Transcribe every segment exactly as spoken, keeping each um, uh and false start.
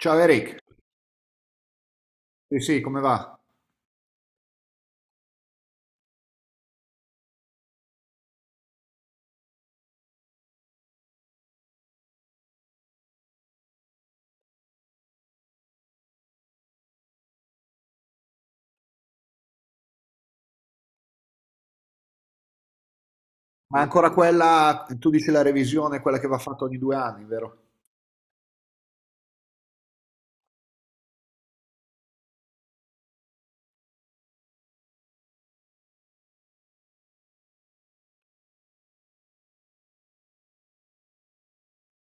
Ciao Eric, sì sì, come va? Ma ancora quella, tu dici la revisione, quella che va fatta ogni due anni, vero?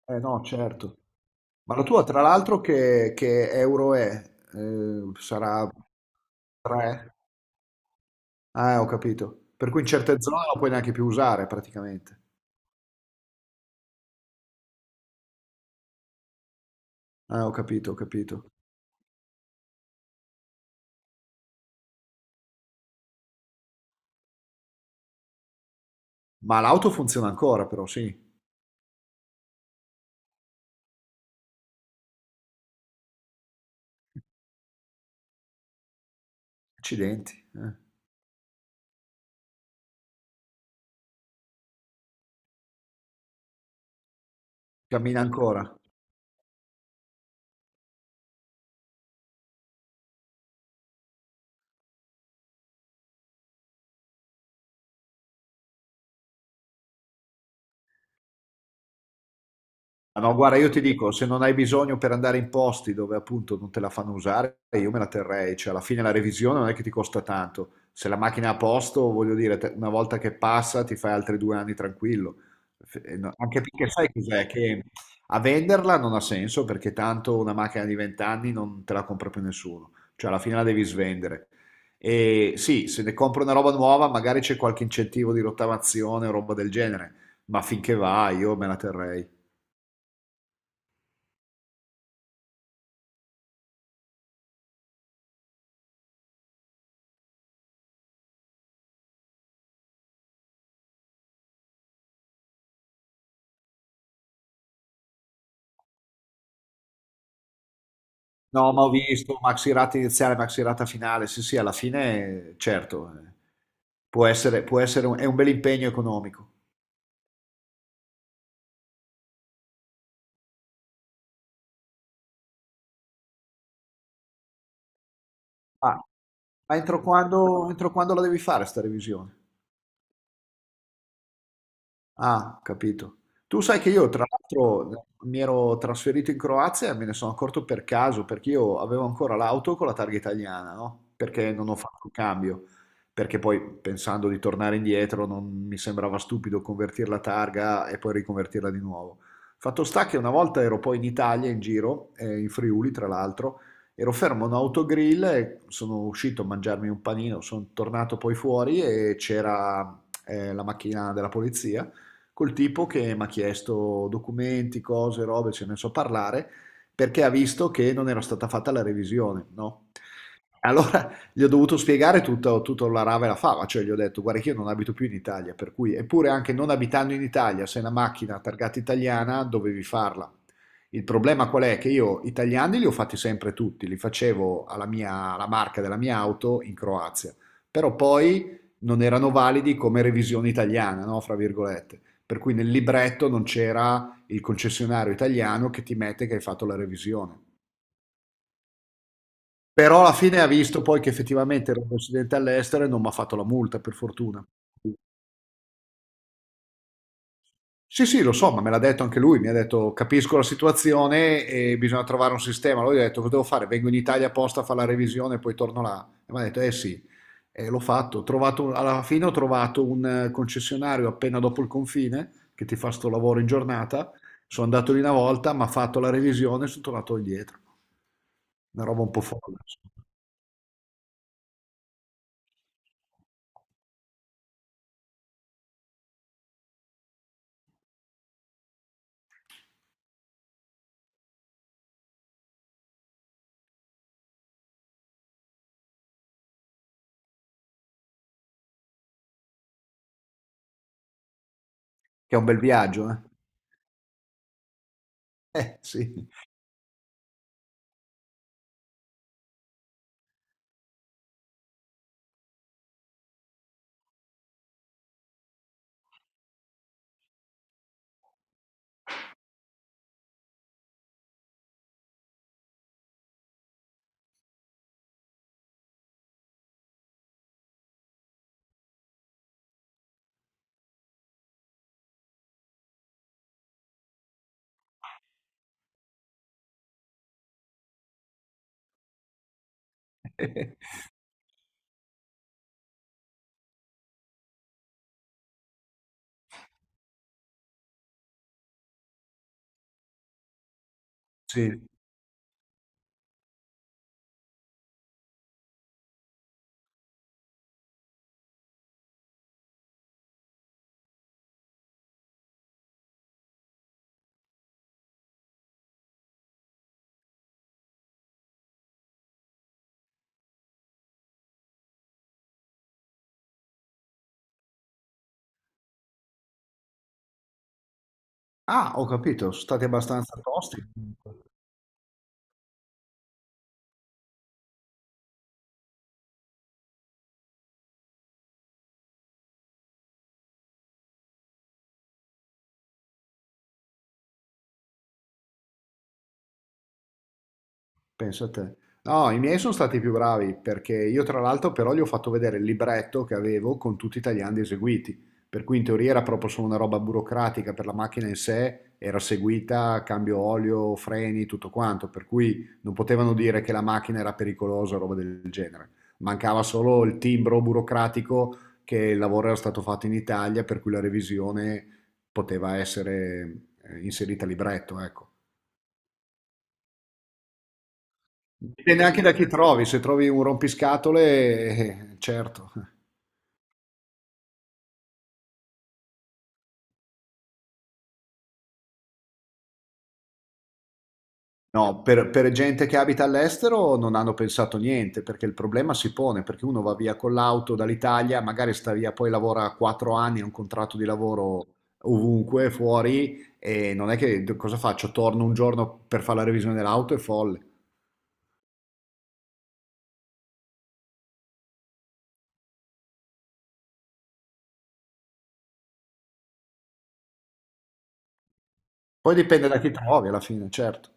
Eh no, certo. Ma la tua, tra l'altro, che, che euro è? Eh, sarà tre? Ah, ho capito. Per cui in certe zone non puoi neanche più usare, praticamente. Ah, ho capito, ho capito. Ma l'auto funziona ancora, però, sì. Accidenti, eh. Cammina ancora. Ah, no, guarda, io ti dico, se non hai bisogno per andare in posti dove appunto non te la fanno usare, io me la terrei, cioè alla fine la revisione non è che ti costa tanto, se la macchina è a posto, voglio dire, te- una volta che passa ti fai altri due anni tranquillo. F- eh, no, anche perché sai cos'è? Che a venderla non ha senso perché tanto una macchina di venti anni non te la compra più nessuno, cioè alla fine la devi svendere. E sì, se ne compro una roba nuova, magari c'è qualche incentivo di rottamazione o roba del genere, ma finché va io me la terrei. No, ma ho visto Maxirata iniziale, Maxirata finale. Sì, sì, alla fine, certo, eh, può essere, può essere un, è un bel impegno economico. Ma, ma entro quando, entro quando la devi fare sta revisione? Ah, capito. Tu sai che io, tra l'altro, mi ero trasferito in Croazia e me ne sono accorto per caso, perché io avevo ancora l'auto con la targa italiana, no? Perché non ho fatto il cambio, perché poi pensando di tornare indietro non mi sembrava stupido convertire la targa e poi riconvertirla di nuovo. Fatto sta che una volta ero poi in Italia, in giro, eh, in Friuli, tra l'altro, ero fermo a un autogrill e sono uscito a mangiarmi un panino, sono tornato poi fuori e c'era eh, la macchina della polizia col tipo che mi ha chiesto documenti, cose, robe, ce ne so parlare, perché ha visto che non era stata fatta la revisione, no? Allora gli ho dovuto spiegare tutto, tutto la rave la fava, cioè gli ho detto guarda che io non abito più in Italia, per cui eppure anche non abitando in Italia, se è una macchina targata italiana dovevi farla. Il problema qual è? Che io italiani li ho fatti sempre tutti, li facevo alla mia, alla marca della mia auto in Croazia, però poi non erano validi come revisione italiana, no? Fra virgolette. Per cui nel libretto non c'era il concessionario italiano che ti mette che hai fatto la revisione. Però alla fine ha visto poi che effettivamente ero un residente all'estero e non mi ha fatto la multa, per fortuna. Sì, sì, lo so, ma me l'ha detto anche lui, mi ha detto capisco la situazione e bisogna trovare un sistema. Lui ha detto cosa devo fare? Vengo in Italia apposta a fare la revisione e poi torno là. E mi ha detto eh sì, e l'ho fatto. Ho trovato un- alla fine ho trovato un eh, concessionario appena dopo il confine che ti fa sto lavoro in giornata. Sono andato lì una volta, mi ha fatto la revisione e sono tornato indietro. Una roba un po' folle, insomma. Che è un bel viaggio, eh? Eh sì. Sì. Ah, ho capito, sono stati abbastanza tosti. Pensa a te. No, i miei sono stati più bravi perché io tra l'altro però gli ho fatto vedere il libretto che avevo con tutti i tagliandi eseguiti, per cui in teoria era proprio solo una roba burocratica per la macchina in sé, era seguita, cambio olio, freni, tutto quanto, per cui non potevano dire che la macchina era pericolosa o roba del genere. Mancava solo il timbro burocratico che il lavoro era stato fatto in Italia, per cui la revisione poteva essere eh, inserita a libretto, ecco. Dipende anche da chi trovi, se trovi un rompiscatole, eh, certo. No, per, per gente che abita all'estero non hanno pensato niente, perché il problema si pone, perché uno va via con l'auto dall'Italia, magari sta via, poi lavora quattro anni, ha un contratto di lavoro ovunque, fuori, e non è che cosa faccio? Torno un giorno per fare la revisione dell'auto, è folle. Poi dipende da chi trovi alla fine, certo.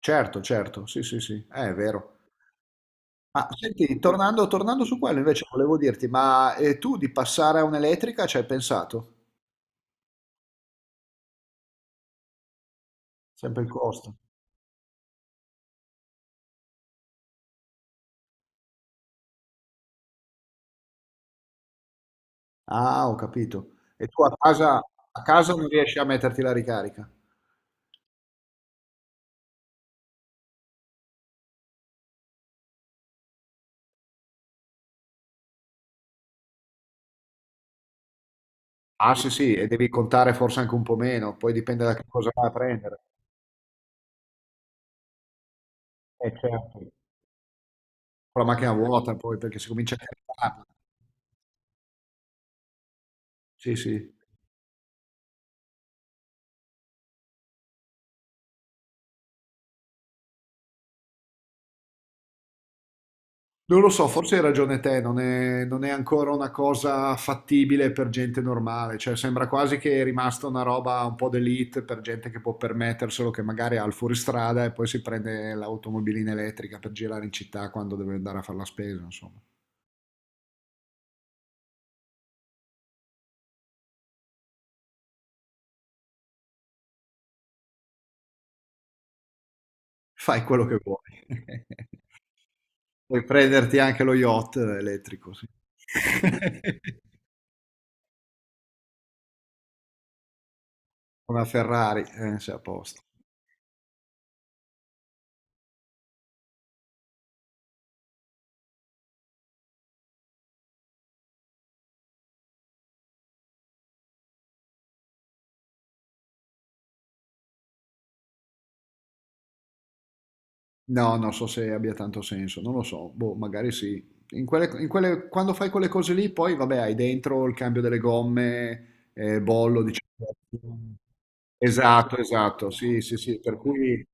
Certo, certo, sì, sì, sì, eh, è vero. Ma senti, tornando, tornando su quello invece volevo dirti, ma eh, tu di passare a un'elettrica ci hai pensato? Sempre il costo. Ah, ho capito. E tu a casa, a casa non riesci a metterti la ricarica? Ah, sì, sì, e devi contare forse anche un po' meno, poi dipende da che cosa vai a prendere. Eh, certo. Con la macchina vuota poi, perché si comincia a caricare. Sì, sì. Non lo so, forse hai ragione te, non è, non è ancora una cosa fattibile per gente normale, cioè sembra quasi che è rimasta una roba un po' d'elite per gente che può permetterselo, che magari ha il fuoristrada e poi si prende l'automobilina elettrica per girare in città quando deve andare a fare la spesa, insomma. Fai quello che vuoi. Puoi prenderti anche lo yacht elettrico, sì. Una Ferrari, eh, sei a posto. No, non so se abbia tanto senso, non lo so, boh, magari sì. In quelle- in quelle- quando fai quelle cose lì, poi vabbè, hai dentro il cambio delle gomme, eh, bollo di circolazione. Esatto, esatto, sì, sì, sì, per cui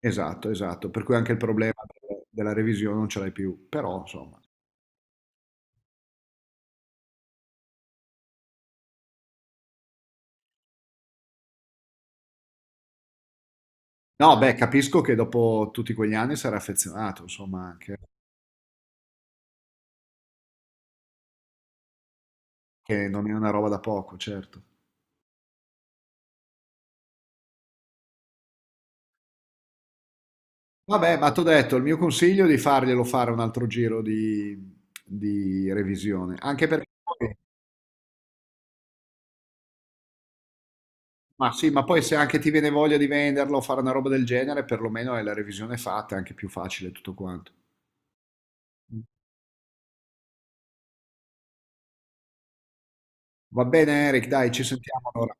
esatto, esatto, per cui anche il problema de- della revisione non ce l'hai più, però insomma. No, beh, capisco che dopo tutti quegli anni sarà affezionato, insomma, anche che non è una roba da poco, certo. Vabbè, ma t'ho detto, il mio consiglio è di farglielo fare un altro giro di, di revisione, anche perché poi, ma sì, ma poi se anche ti viene voglia di venderlo o fare una roba del genere, perlomeno è la revisione fatta, è anche più facile tutto quanto. Va bene, Eric, dai, ci sentiamo allora.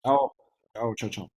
Ciao, ciao, ciao, ciao.